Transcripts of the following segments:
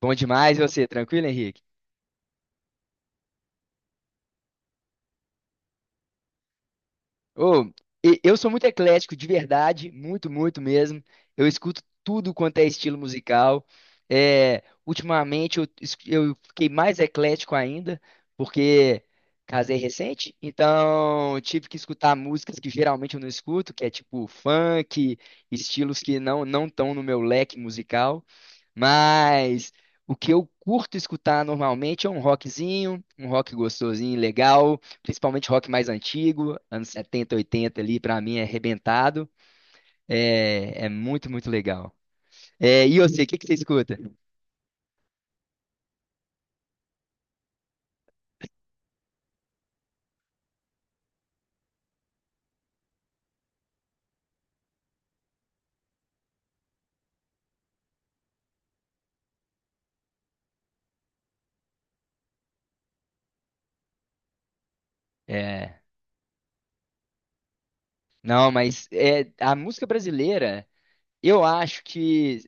Bom demais, e você, tranquilo, Henrique? Ô, eu sou muito eclético, de verdade, muito, muito mesmo. Eu escuto tudo quanto é estilo musical. É, ultimamente eu, eu fiquei mais eclético ainda, porque casei recente, então tive que escutar músicas que geralmente eu não escuto, que é tipo funk, estilos que não estão no meu leque musical. Mas o que eu curto escutar normalmente é um rockzinho, um rock gostosinho, legal. Principalmente rock mais antigo, anos setenta 80 ali, pra mim é arrebentado. É, é muito, muito legal. É, e você, o que que você escuta? É, não, mas é, a música brasileira, eu acho que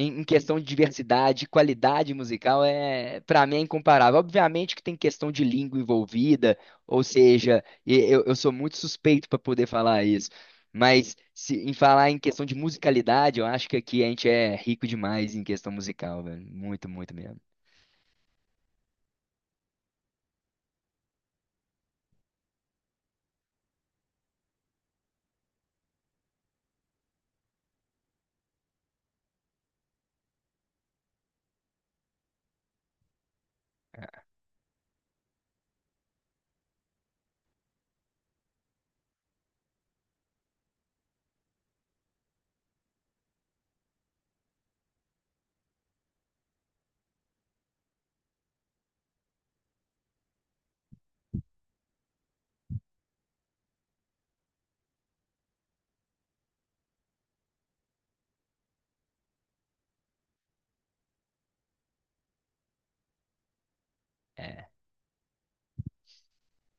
em questão de diversidade, qualidade musical, é, para mim é incomparável. Obviamente que tem questão de língua envolvida, ou seja, eu sou muito suspeito para poder falar isso. Mas se, em falar em questão de musicalidade, eu acho que aqui a gente é rico demais em questão musical, velho. Muito, muito mesmo. É.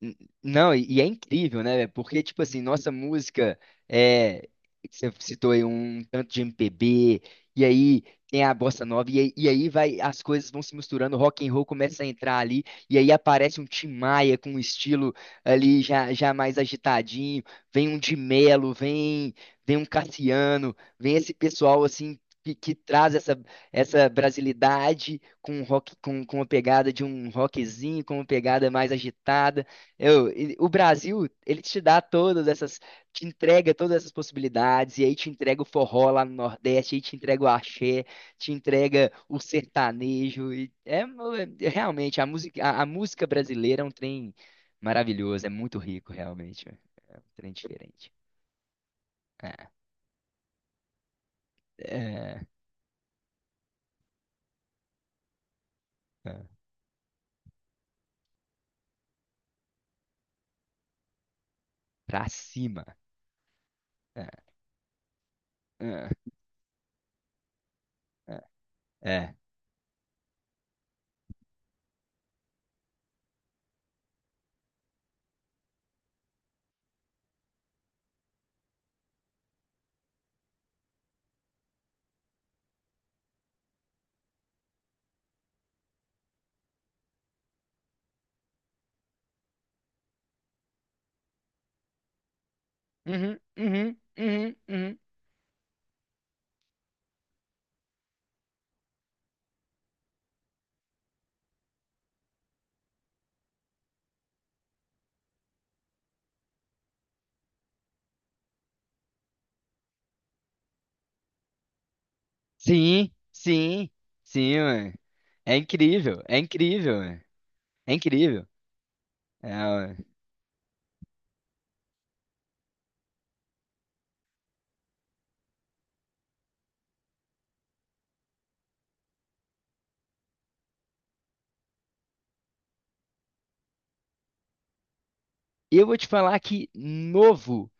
N- Não, e é incrível, né, velho? Porque, tipo assim, nossa música é. Você citou aí um tanto de MPB, e aí tem a bossa nova, e aí vai, as coisas vão se misturando, o rock and roll começa a entrar ali, e aí aparece um Tim Maia com um estilo ali já, já mais agitadinho, vem um de Melo, vem, vem um Cassiano, vem esse pessoal assim. Que traz essa, essa brasilidade com rock com uma pegada de um rockzinho, com uma pegada mais agitada. Eu, e o Brasil, ele te dá todas essas, te entrega todas essas possibilidades, e aí te entrega o forró lá no Nordeste, aí te entrega o axé, te entrega o sertanejo, e é, realmente, a música brasileira é um trem maravilhoso, é muito rico, realmente, é é um trem diferente. É, é, é, pra cima. É, é, é. É. Uhum, uhum, uhum, uhum. Sim, sim, sim, mano. É incrível, é incrível, é incrível. É, eu vou te falar que novo,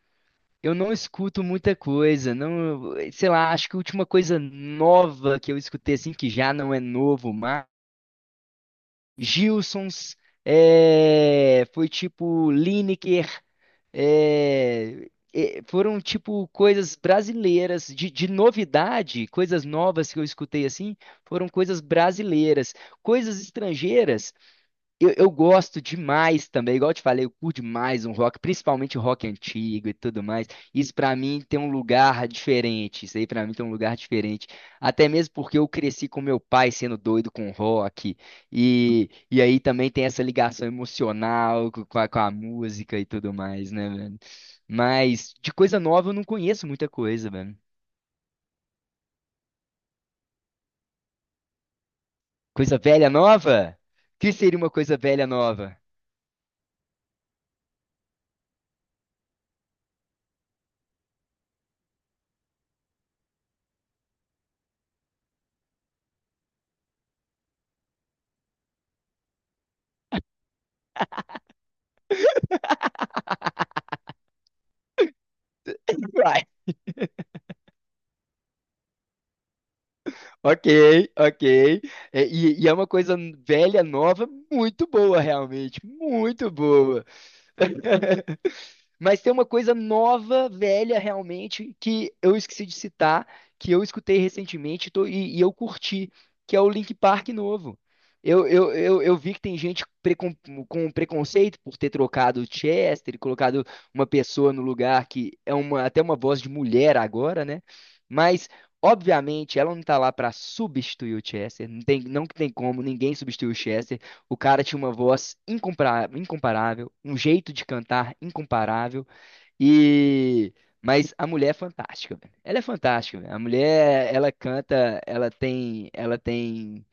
eu não escuto muita coisa, não, sei lá, acho que a última coisa nova que eu escutei assim que já não é novo, mas Gilsons é, foi tipo Lineker, é, é, foram tipo coisas brasileiras de novidade, coisas novas que eu escutei assim, foram coisas brasileiras, coisas estrangeiras. Eu gosto demais também, igual eu te falei, eu curto demais um rock, principalmente o rock antigo e tudo mais. Isso pra mim tem um lugar diferente. Isso aí pra mim tem um lugar diferente. Até mesmo porque eu cresci com meu pai sendo doido com rock. E aí também tem essa ligação emocional com a música e tudo mais, né, velho? Mas de coisa nova eu não conheço muita coisa, velho. Coisa velha nova? O que seria uma coisa velha nova? Ok, ok. É, e é uma coisa velha, nova, muito boa, realmente. Muito boa. Mas tem uma coisa nova, velha, realmente, que eu esqueci de citar, que eu escutei recentemente e eu curti, que é o Link Park novo. Eu vi que tem gente com preconceito por ter trocado o Chester e colocado uma pessoa no lugar que é uma, até uma voz de mulher agora, né? Mas, obviamente, ela não tá lá para substituir o Chester. Não tem, não que tem como, ninguém substitui o Chester. O cara tinha uma voz incomparável, um jeito de cantar incomparável e mas a mulher é fantástica, velho. Ela é fantástica, velho. A mulher, ela canta, ela tem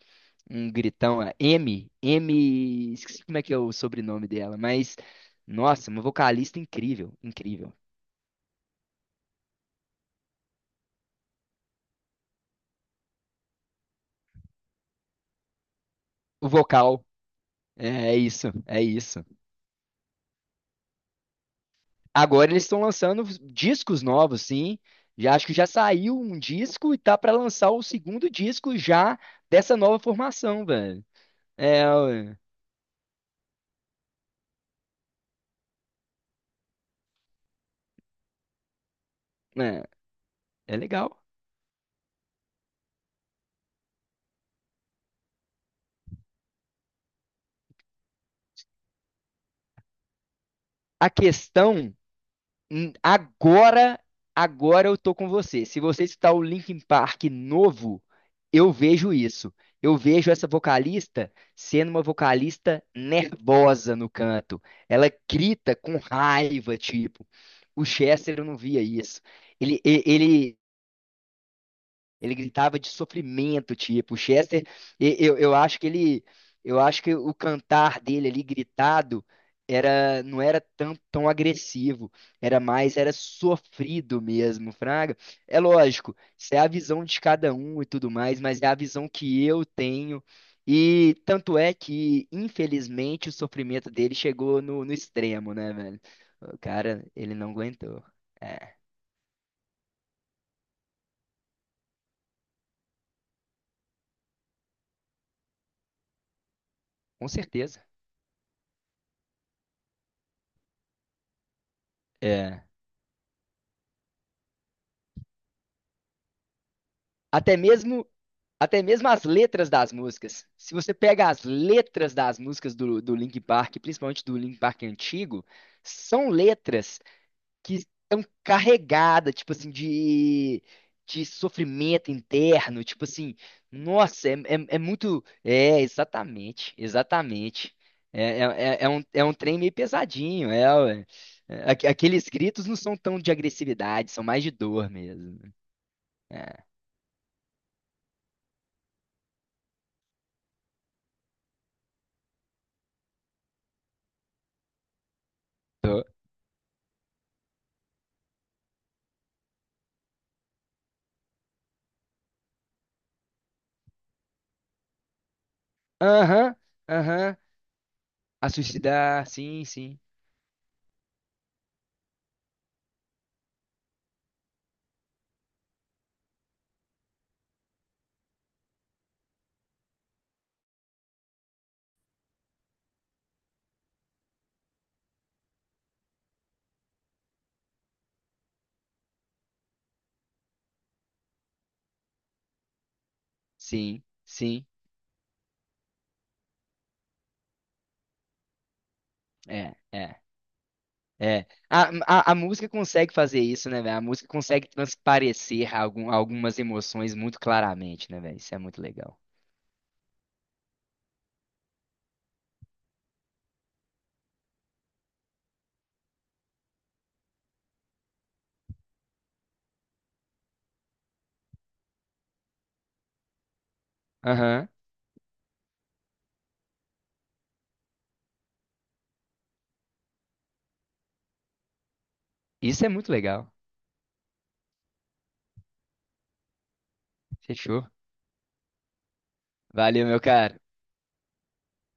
um gritão, a M, M, esqueci como é que é o sobrenome dela, mas nossa, uma vocalista incrível, incrível. O vocal é é isso, é isso. Agora eles estão lançando discos novos, sim. Já acho que já saiu um disco e tá pra lançar o segundo disco já dessa nova formação, velho. É, ué. É, é legal. A questão agora, agora eu tô com você. Se você está o Linkin Park novo, eu vejo isso. Eu vejo essa vocalista sendo uma vocalista nervosa no canto. Ela grita com raiva, tipo. O Chester eu não via isso. Ele, ele, ele gritava de sofrimento, tipo. O Chester, eu acho que ele, eu acho que o cantar dele ali gritado era, não era tão, tão agressivo, era mais, era sofrido mesmo, Fraga. É lógico, isso é a visão de cada um e tudo mais, mas é a visão que eu tenho. E tanto é que, infelizmente, o sofrimento dele chegou no, no extremo, né, velho? O cara, ele não aguentou. É, com certeza. É. Até mesmo Até mesmo as letras das músicas. Se você pega as letras das músicas do, do Linkin Park, principalmente do Linkin Park antigo, são letras que estão carregadas, tipo assim, de sofrimento interno, tipo assim, nossa, é, é, é muito. É, exatamente, exatamente. É, é, é um trem meio pesadinho, é, ué. É, aqueles gritos não são tão de agressividade, são mais de dor mesmo. Né? É, tô- aham, aham. A suicidar, sim, sim, sim, sim, é, é, é. A música consegue fazer isso, né, velho? A música consegue transparecer algum, algumas emoções muito claramente, né, velho? Isso é muito legal. Aham, isso é muito legal. Fechou. Valeu, meu caro.